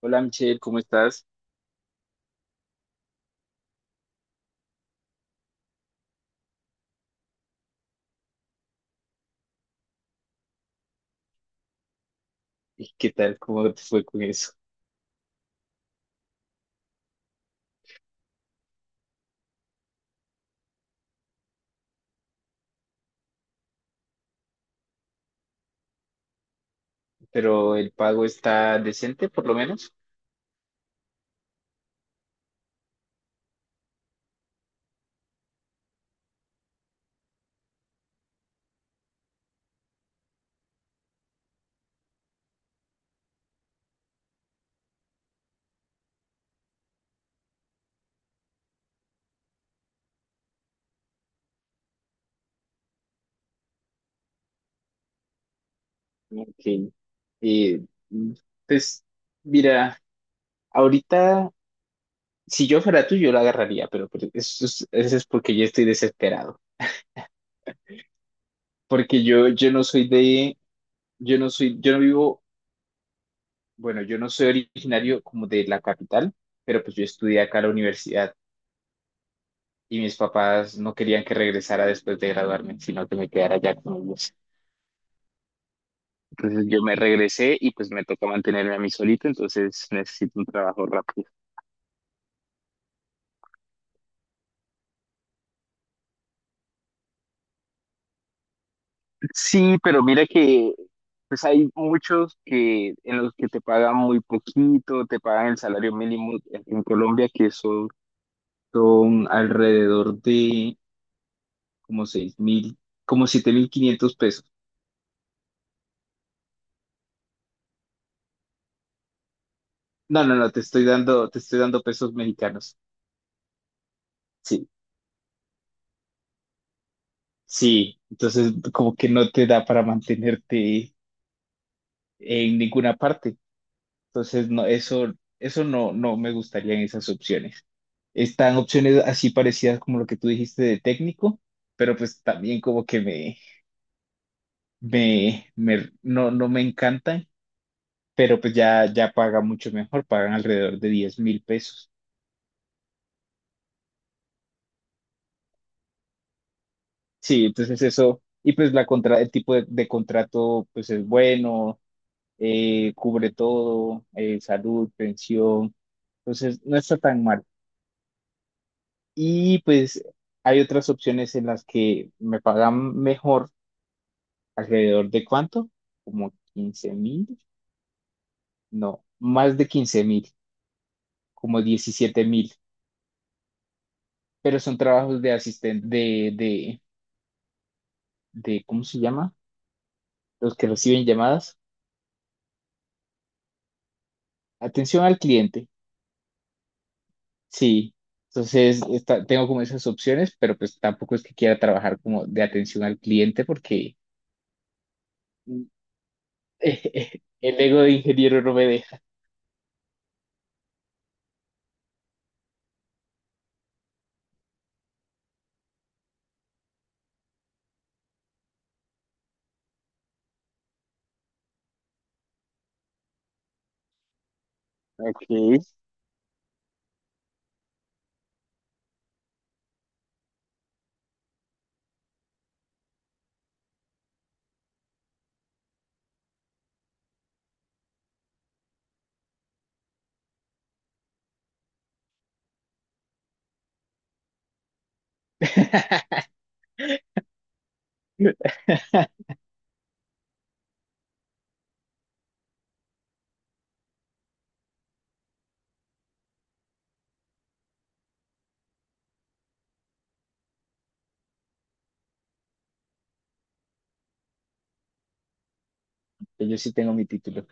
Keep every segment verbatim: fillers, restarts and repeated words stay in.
Hola Michelle, ¿cómo estás? ¿Y qué tal? ¿Cómo te fue con eso? Pero el pago está decente, por lo menos. Ok. Eh, mm, pues mira, ahorita, si yo fuera tú, yo lo agarraría, pero, pero eso es, eso es porque yo estoy desesperado. Porque yo, yo no soy de, yo no soy, yo no vivo, bueno, yo no soy originario como de la capital, pero pues yo estudié acá en la universidad y mis papás no querían que regresara después de graduarme, sino que me quedara allá con ellos. Entonces yo me regresé y pues me toca mantenerme a mí solito, entonces necesito un trabajo rápido. Sí, pero mira que pues hay muchos que en los que te pagan muy poquito, te pagan el salario mínimo en en Colombia, que son, son alrededor de como seis mil, como siete mil quinientos pesos. No, no, no, te estoy dando, te estoy dando pesos mexicanos. Sí, sí. Entonces como que no te da para mantenerte en ninguna parte. Entonces, no, eso, eso no, no me gustarían esas opciones. Están opciones así parecidas como lo que tú dijiste de técnico, pero pues también como que me, me, me- no, no me encantan, pero pues ya, ya paga mucho mejor, pagan alrededor de diez mil pesos. Sí, entonces eso, y pues la contra, el tipo de, de contrato pues es bueno, eh, cubre todo, eh, salud, pensión, entonces no está tan mal. Y pues hay otras opciones en las que me pagan mejor, alrededor de cuánto, como quince mil, no, más de quince mil, como diecisiete mil, pero son trabajos de asistente, de, de, de, ¿cómo se llama? Los que reciben llamadas. Atención al cliente, sí. Entonces, está- tengo como esas opciones, pero pues tampoco es que quiera trabajar como de atención al cliente porque mm, el ego de ingeniero no me deja. Ok. Yo sí tengo mi título.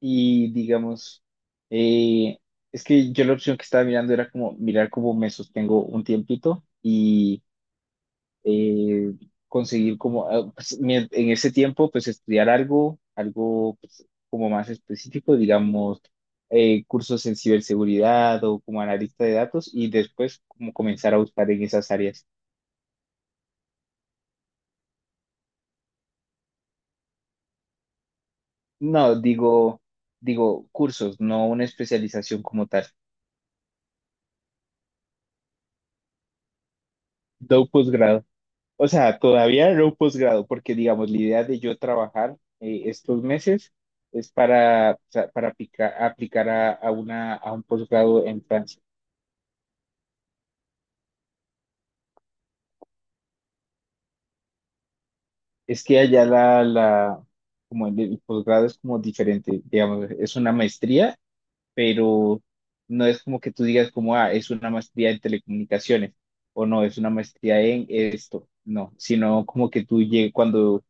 Y digamos, eh, es que yo la opción que estaba mirando era como mirar cómo me sostengo un tiempito y eh, conseguir como, ah, pues, mien- en ese tiempo, pues estudiar algo, algo pues, como más específico, digamos, eh, cursos en ciberseguridad o como analista de datos y después como comenzar a buscar en esas áreas. No, digo, digo cursos, no una especialización como tal, no un posgrado. O sea, todavía era un posgrado, porque digamos, la idea de yo trabajar eh, estos meses es para, o sea, para aplica- aplicar a, a una, a un posgrado en Francia. Es que allá la, la, como el, el posgrado es como diferente, digamos, es una maestría, pero no es como que tú digas como, ah, es una maestría en telecomunicaciones, o no, es una maestría en esto, no, sino como que tú llegues cuando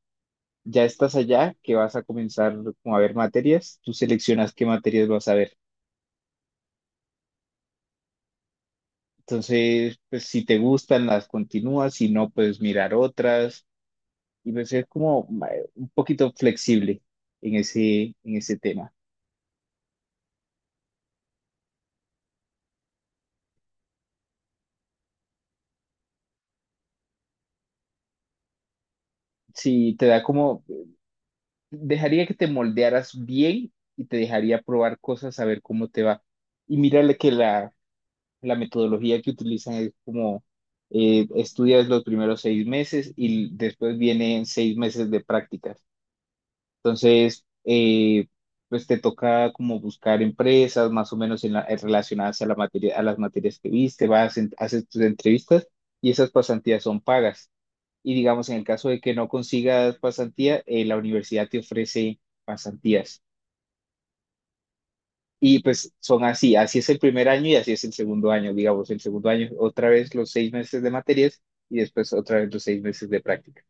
ya estás allá, que vas a comenzar como a ver materias, tú seleccionas qué materias vas a ver. Entonces, pues si te gustan, las continúas, si no, puedes mirar otras. Y pues es como ma- un poquito flexible en ese, en ese tema. Sí, te da como, dejaría que te moldearas bien y te dejaría probar cosas a ver cómo te va. Y mírale que la, la metodología que utilizan es como eh, estudias los primeros seis meses y después vienen seis meses de prácticas. Entonces, eh, pues te toca como buscar empresas más o menos en la- eh, relacionadas a la materia, a las materias que viste, vas, en- haces tus entrevistas y esas pasantías son pagas. Y digamos, en el caso de que no consigas pasantía, eh, la universidad te ofrece pasantías. Y pues son así, así es el primer año y así es el segundo año, digamos, el segundo año otra vez los seis meses de materias y después otra vez los seis meses de práctica.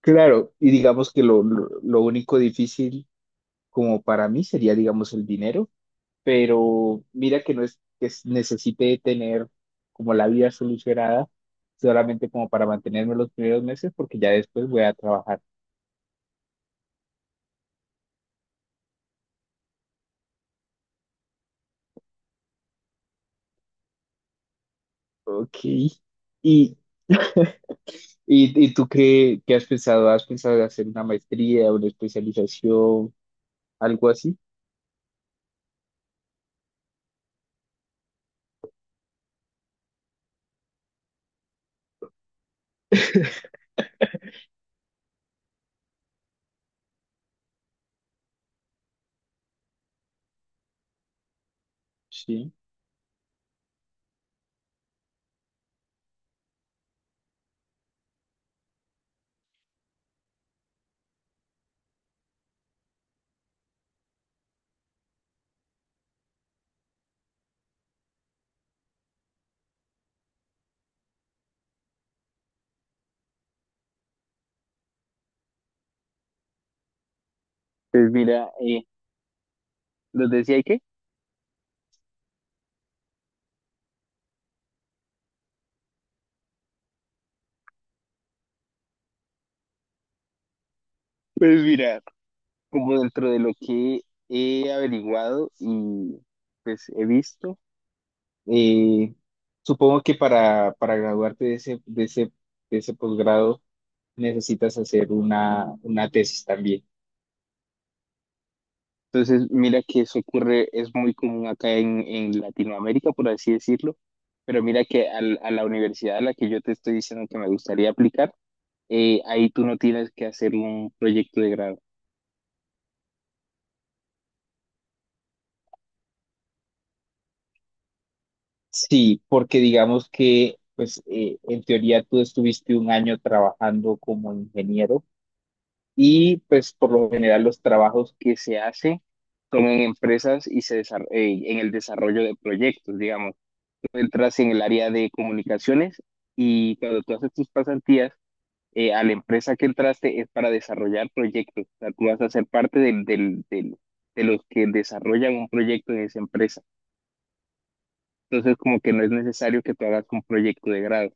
Claro, y digamos que lo, lo, lo único difícil como para mí sería, digamos, el dinero, pero mira que no es que s- necesite tener como la vida solucionada solamente como para mantenerme los primeros meses porque ya después voy a trabajar. Ok. ¿Y, y, y tú qué, qué, has pensado? ¿Has pensado en hacer una maestría, una especialización, algo así? Sí. Pues mira, eh, ¿nos decía qué? Pues mira, como dentro de lo que he averiguado y pues he visto, Y supongo que para, para graduarte de ese, de ese, de ese posgrado necesitas hacer una, una tesis también. Entonces, mira que eso ocurre, es muy común acá en, en Latinoamérica, por así decirlo, pero mira que al- a la universidad a la que yo te estoy diciendo que me gustaría aplicar, eh, ahí tú no tienes que hacer un proyecto de grado. Sí, porque digamos que, pues, eh, en teoría tú estuviste un año trabajando como ingeniero. Y pues por lo general los trabajos que se hacen son en empresas y se desar- eh, en el desarrollo de proyectos, digamos. Tú entras en el área de comunicaciones y cuando tú haces tus pasantías, eh, a la empresa que entraste es para desarrollar proyectos. O sea, tú vas a ser parte del, del, del- de los que desarrollan un proyecto en esa empresa. Entonces como que no es necesario que tú hagas un proyecto de grado.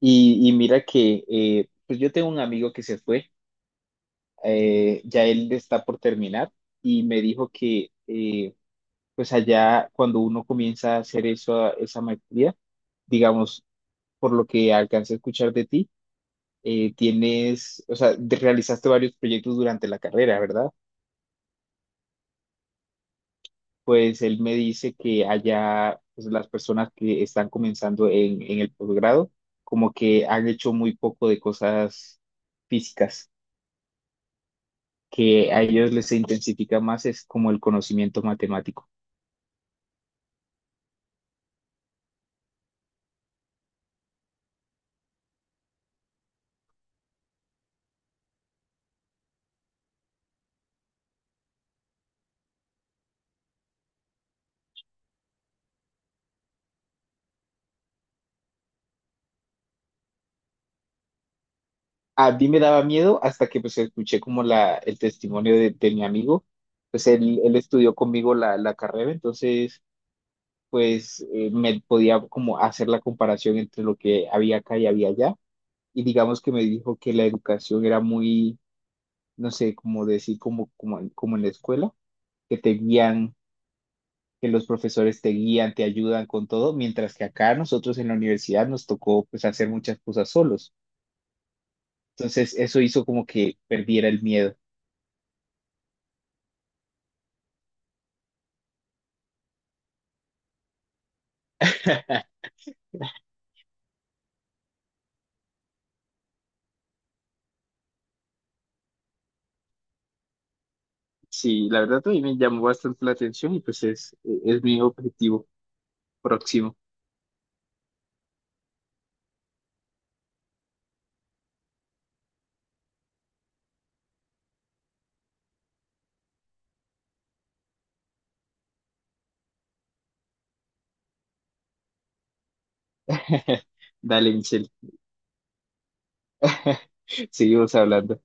Y, y mira que eh, pues yo tengo un amigo que se fue eh, ya él está por terminar y me dijo que eh, pues allá cuando uno comienza a hacer eso, esa maestría, digamos, por lo que alcancé a escuchar de ti, eh, tienes, o sea, de- realizaste varios proyectos durante la carrera, ¿verdad? Pues él me dice que allá pues, las personas que están comenzando en, en el posgrado, como que han hecho muy poco de cosas físicas, que a ellos les intensifica más es como el conocimiento matemático. a mí me daba miedo hasta que pues escuché como la, el testimonio de, de mi amigo, pues él, él estudió conmigo la, la carrera, entonces pues eh, me podía como hacer la comparación entre lo que había acá y había allá, y digamos que me dijo que la educación era muy, no sé, como decir, como, como, en- como en la escuela, que te guían, que los profesores te guían, te ayudan con todo, mientras que acá nosotros en la universidad nos tocó pues hacer muchas cosas solos, entonces eso hizo como que perdiera el miedo. Sí, la verdad a mí me llamó bastante la atención y pues es, es mi objetivo próximo. Dale, Michelle, seguimos hablando.